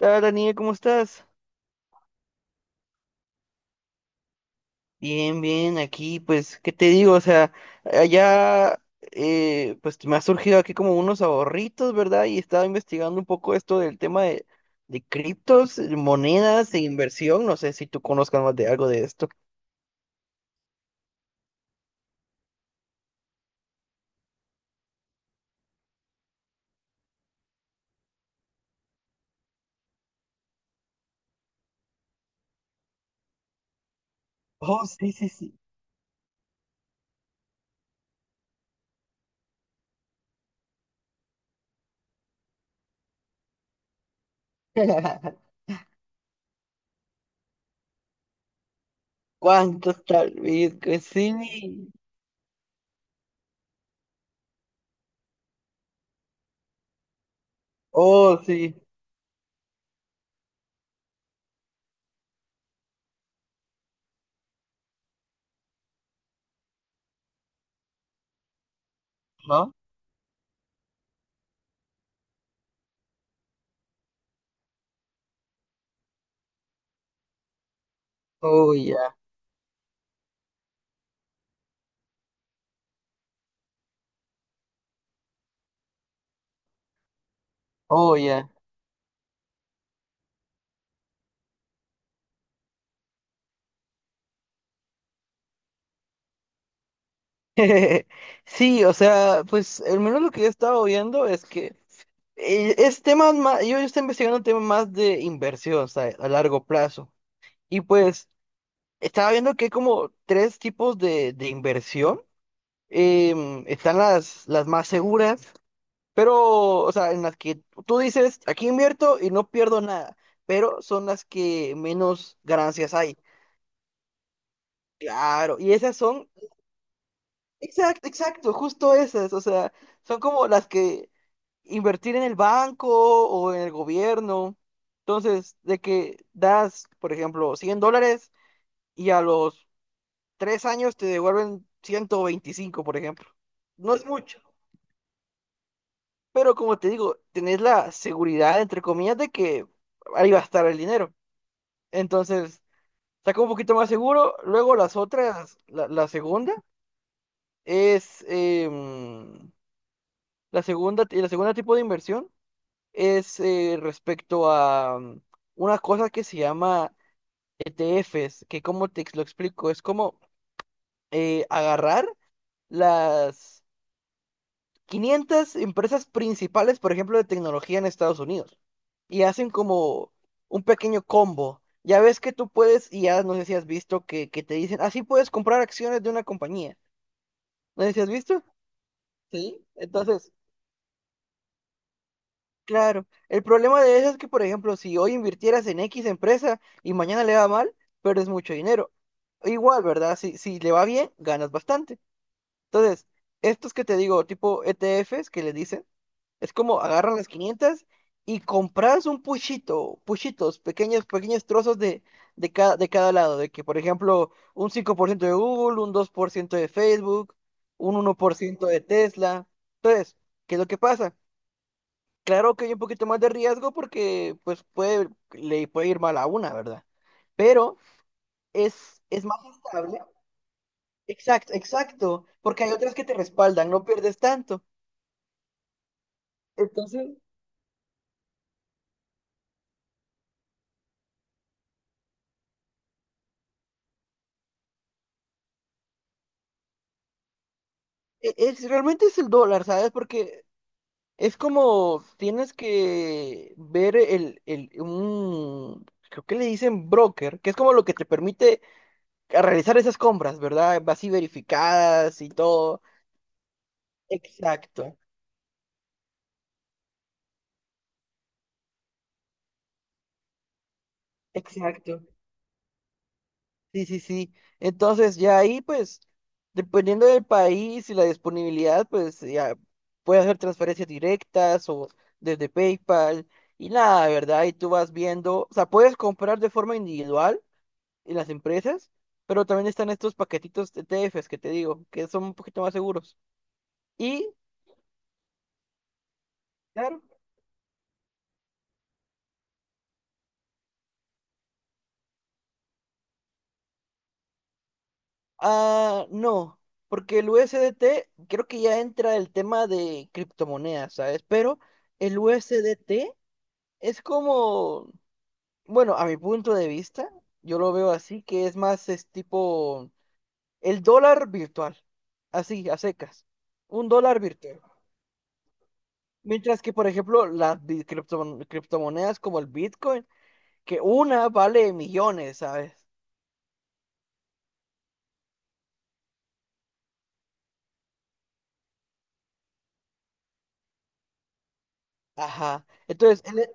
Hola Daniel, ¿cómo estás? Bien, bien, aquí, pues, ¿qué te digo? O sea, allá, pues, me ha surgido aquí como unos ahorritos, ¿verdad? Y estaba investigando un poco esto del tema de criptos, monedas e inversión. No sé si tú conozcas más de algo de esto. Oh, sí, sí, sí. ¿Cuántos tal vez? Que sí. Oh, sí. ¿No? Oh, ya. Oh, ya. Sí, o sea, pues, al menos lo que yo he estado viendo es que es temas más, yo estoy investigando temas más de inversión, o sea, a largo plazo. Y pues estaba viendo que hay como tres tipos de inversión. Están las más seguras, pero, o sea, en las que tú dices, aquí invierto y no pierdo nada, pero son las que menos ganancias hay. Claro, y esas son. Exacto, exacto, justo esas, o sea, son como las que invertir en el banco o en el gobierno. Entonces, de que das, por ejemplo, $100 y a los 3 años te devuelven 125, por ejemplo. No es mucho, pero como te digo, tenés la seguridad, entre comillas, de que ahí va a estar el dinero. Entonces, está como un poquito más seguro. Luego las otras, es... em, la segunda tipo de inversión es respecto a una cosa que se llama ETFs, que como lo explico, es como agarrar las 500 empresas principales, por ejemplo, de tecnología en Estados Unidos, y hacen como un pequeño combo. Ya ves que tú puedes, y ya no sé si has visto que te dicen, así puedes comprar acciones de una compañía. No sé si has visto. Sí. Entonces, claro, el problema de eso es que, por ejemplo, si hoy invirtieras en X empresa y mañana le va mal, pierdes mucho dinero. Igual, ¿verdad? Si le va bien, ganas bastante. Entonces, estos que te digo, tipo ETFs que le dicen, es como agarran las 500 y compras un puchito, puchitos, pequeños, pequeños trozos de cada lado. De que, por ejemplo, un 5% de Google, un 2% de Facebook, un 1% de Tesla. Entonces, ¿qué es lo que pasa? Claro que hay un poquito más de riesgo porque pues le puede ir mal a una, ¿verdad? Pero es más estable. Exacto, exacto, porque hay otras que te respaldan, no pierdes tanto. Entonces, realmente es el dólar, ¿sabes? Porque es como tienes que ver un, creo que le dicen broker, que es como lo que te permite a realizar esas compras, ¿verdad? Así verificadas y todo. Exacto, exacto. Sí, sí, sí. Entonces, ya ahí, pues, dependiendo del país y la disponibilidad, pues, ya puedes hacer transferencias directas o desde PayPal y nada, ¿verdad? Y tú vas viendo, o sea, puedes comprar de forma individual en las empresas, pero también están estos paquetitos de TFs que te digo, que son un poquito más seguros. Y, claro, ah, no, porque el USDT creo que ya entra el tema de criptomonedas, ¿sabes? Pero el USDT es como. Bueno, a mi punto de vista, yo lo veo así, que es tipo el dólar virtual, así, a secas, un dólar virtual. Mientras que, por ejemplo, las criptomonedas como el Bitcoin, que una vale millones, ¿sabes? Ajá. Entonces,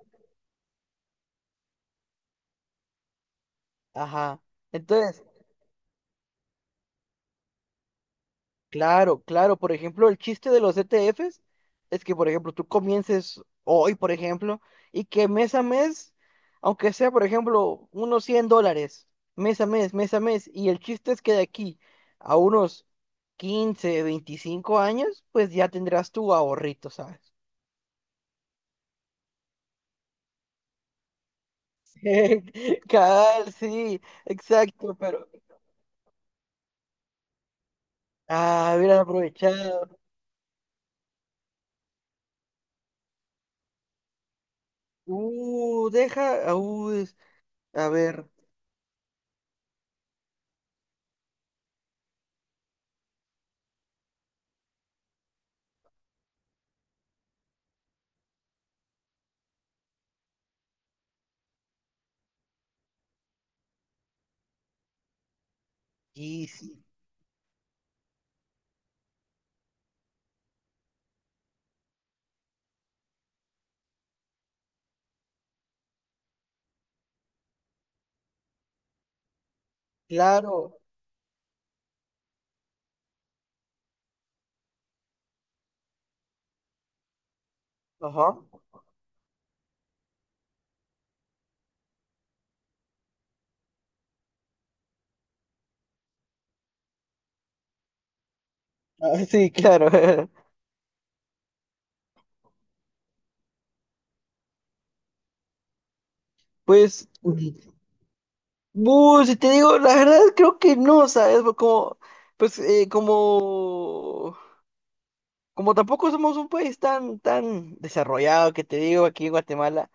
ajá. Entonces, claro, claro. Por ejemplo, el chiste de los ETFs es que, por ejemplo, tú comiences hoy, por ejemplo, y que mes a mes, aunque sea, por ejemplo, unos $100, mes a mes, y el chiste es que de aquí a unos 15, 25 años, pues ya tendrás tu ahorrito, ¿sabes? Cal, sí, exacto, pero... Ah, hubiera aprovechado. Deja, a ver, y sí, claro, ajá. Ah, sí, claro. Pues, si te digo, la verdad creo que no, ¿sabes? Como, pues, como tampoco somos un país tan, tan desarrollado que te digo aquí en Guatemala,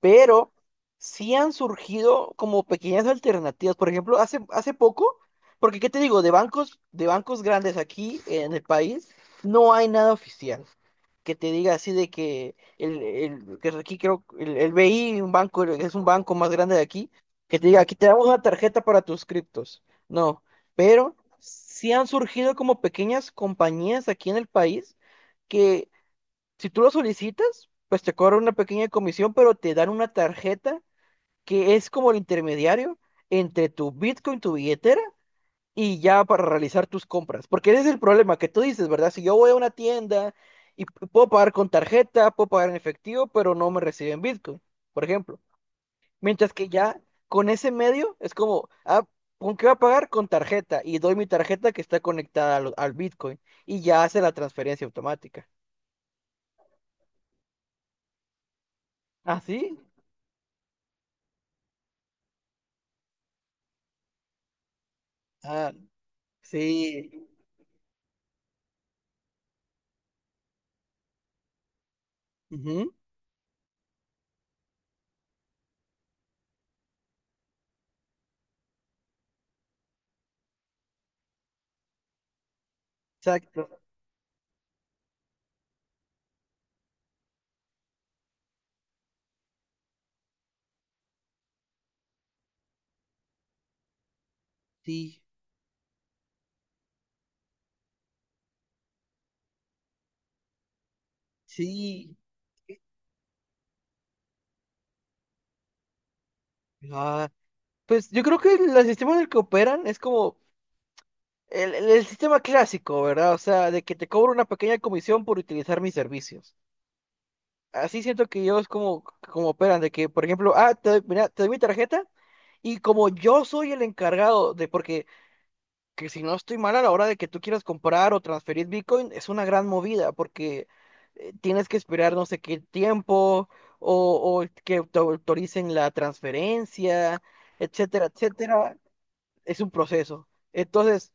pero sí han surgido como pequeñas alternativas. Por ejemplo, hace poco, porque ¿qué te digo? De bancos grandes aquí en el país no hay nada oficial que te diga así de que el, que aquí creo el BI, un banco, es un banco más grande de aquí, que te diga, aquí te damos una tarjeta para tus criptos. No, pero sí han surgido como pequeñas compañías aquí en el país que si tú lo solicitas, pues te cobran una pequeña comisión, pero te dan una tarjeta que es como el intermediario entre tu Bitcoin, tu billetera, y ya para realizar tus compras. Porque ese es el problema que tú dices, ¿verdad? Si yo voy a una tienda y puedo pagar con tarjeta, puedo pagar en efectivo, pero no me reciben Bitcoin, por ejemplo. Mientras que ya con ese medio es como, ah, ¿con qué voy a pagar? Con tarjeta. Y doy mi tarjeta que está conectada al Bitcoin y ya hace la transferencia automática. ¿Ah, sí? Sí, ujú, exacto, sí, sí. Ah, pues yo creo que el sistema en el que operan es como el sistema clásico, ¿verdad? O sea, de que te cobro una pequeña comisión por utilizar mis servicios. Así siento que ellos como operan, de que, por ejemplo, ah, mira, te doy mi tarjeta y como yo soy el encargado de, porque que si no estoy mal a la hora de que tú quieras comprar o transferir Bitcoin, es una gran movida porque tienes que esperar no sé qué tiempo o que te autoricen la transferencia, etcétera, etcétera. Es un proceso. Entonces,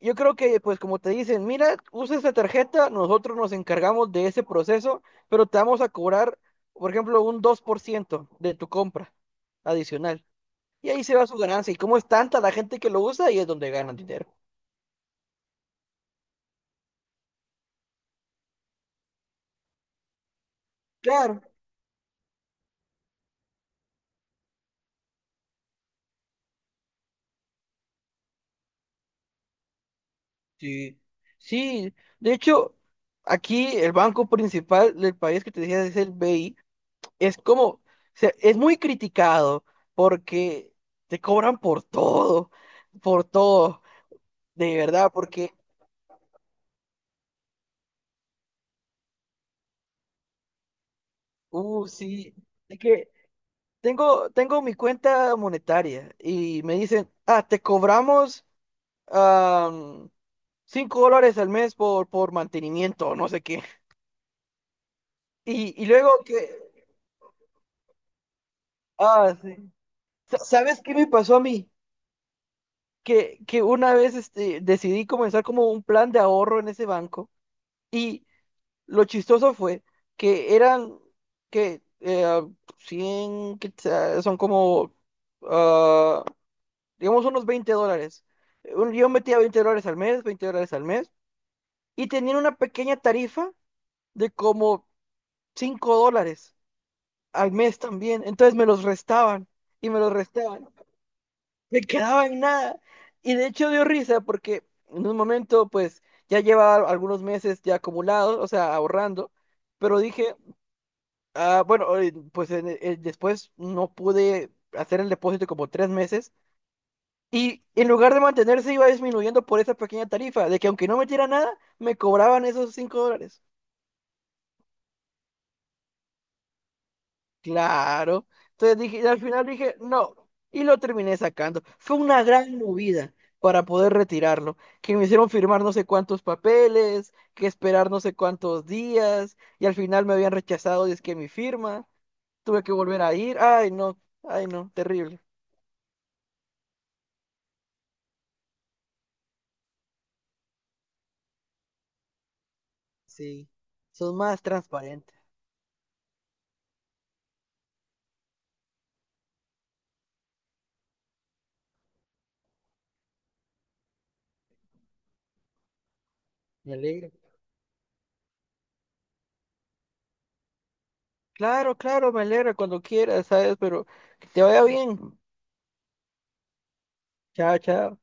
yo creo que pues como te dicen, mira, usa esta tarjeta, nosotros nos encargamos de ese proceso, pero te vamos a cobrar, por ejemplo, un 2% de tu compra adicional. Y ahí se va su ganancia. Y como es tanta la gente que lo usa, ahí es donde ganan dinero. Claro, sí, sí, de hecho, aquí el banco principal del país que te decía es el BI, es como, o sea, es muy criticado porque te cobran por todo, de verdad, porque, sí, es que tengo mi cuenta monetaria y me dicen, ah, te cobramos am, $5 al mes por mantenimiento, no sé qué. Y luego que, ah, sí. ¿Sabes qué me pasó a mí? Que una vez decidí comenzar como un plan de ahorro en ese banco y lo chistoso fue que eran que 100, que sea, son como, ah, digamos, unos $20. Yo metía $20 al mes, $20 al mes y tenían una pequeña tarifa de como $5 al mes también. Entonces me los restaban y me los restaban. Me quedaba en nada. Y de hecho dio risa porque en un momento, pues, ya llevaba algunos meses ya acumulados, o sea, ahorrando, pero dije, ah, bueno, pues después no pude hacer el depósito como 3 meses y en lugar de mantenerse iba disminuyendo por esa pequeña tarifa, de que aunque no metiera nada, me cobraban esos $5. Claro. Entonces dije, y al final dije, no, y lo terminé sacando. Fue una gran movida para poder retirarlo, que me hicieron firmar no sé cuántos papeles, que esperar no sé cuántos días, y al final me habían rechazado y es que mi firma, tuve que volver a ir. Ay, no, terrible. Sí, son más transparentes. Me alegra. Claro, claro, me alegra cuando quieras, ¿sabes? Pero que te vaya bien. Chao, chao.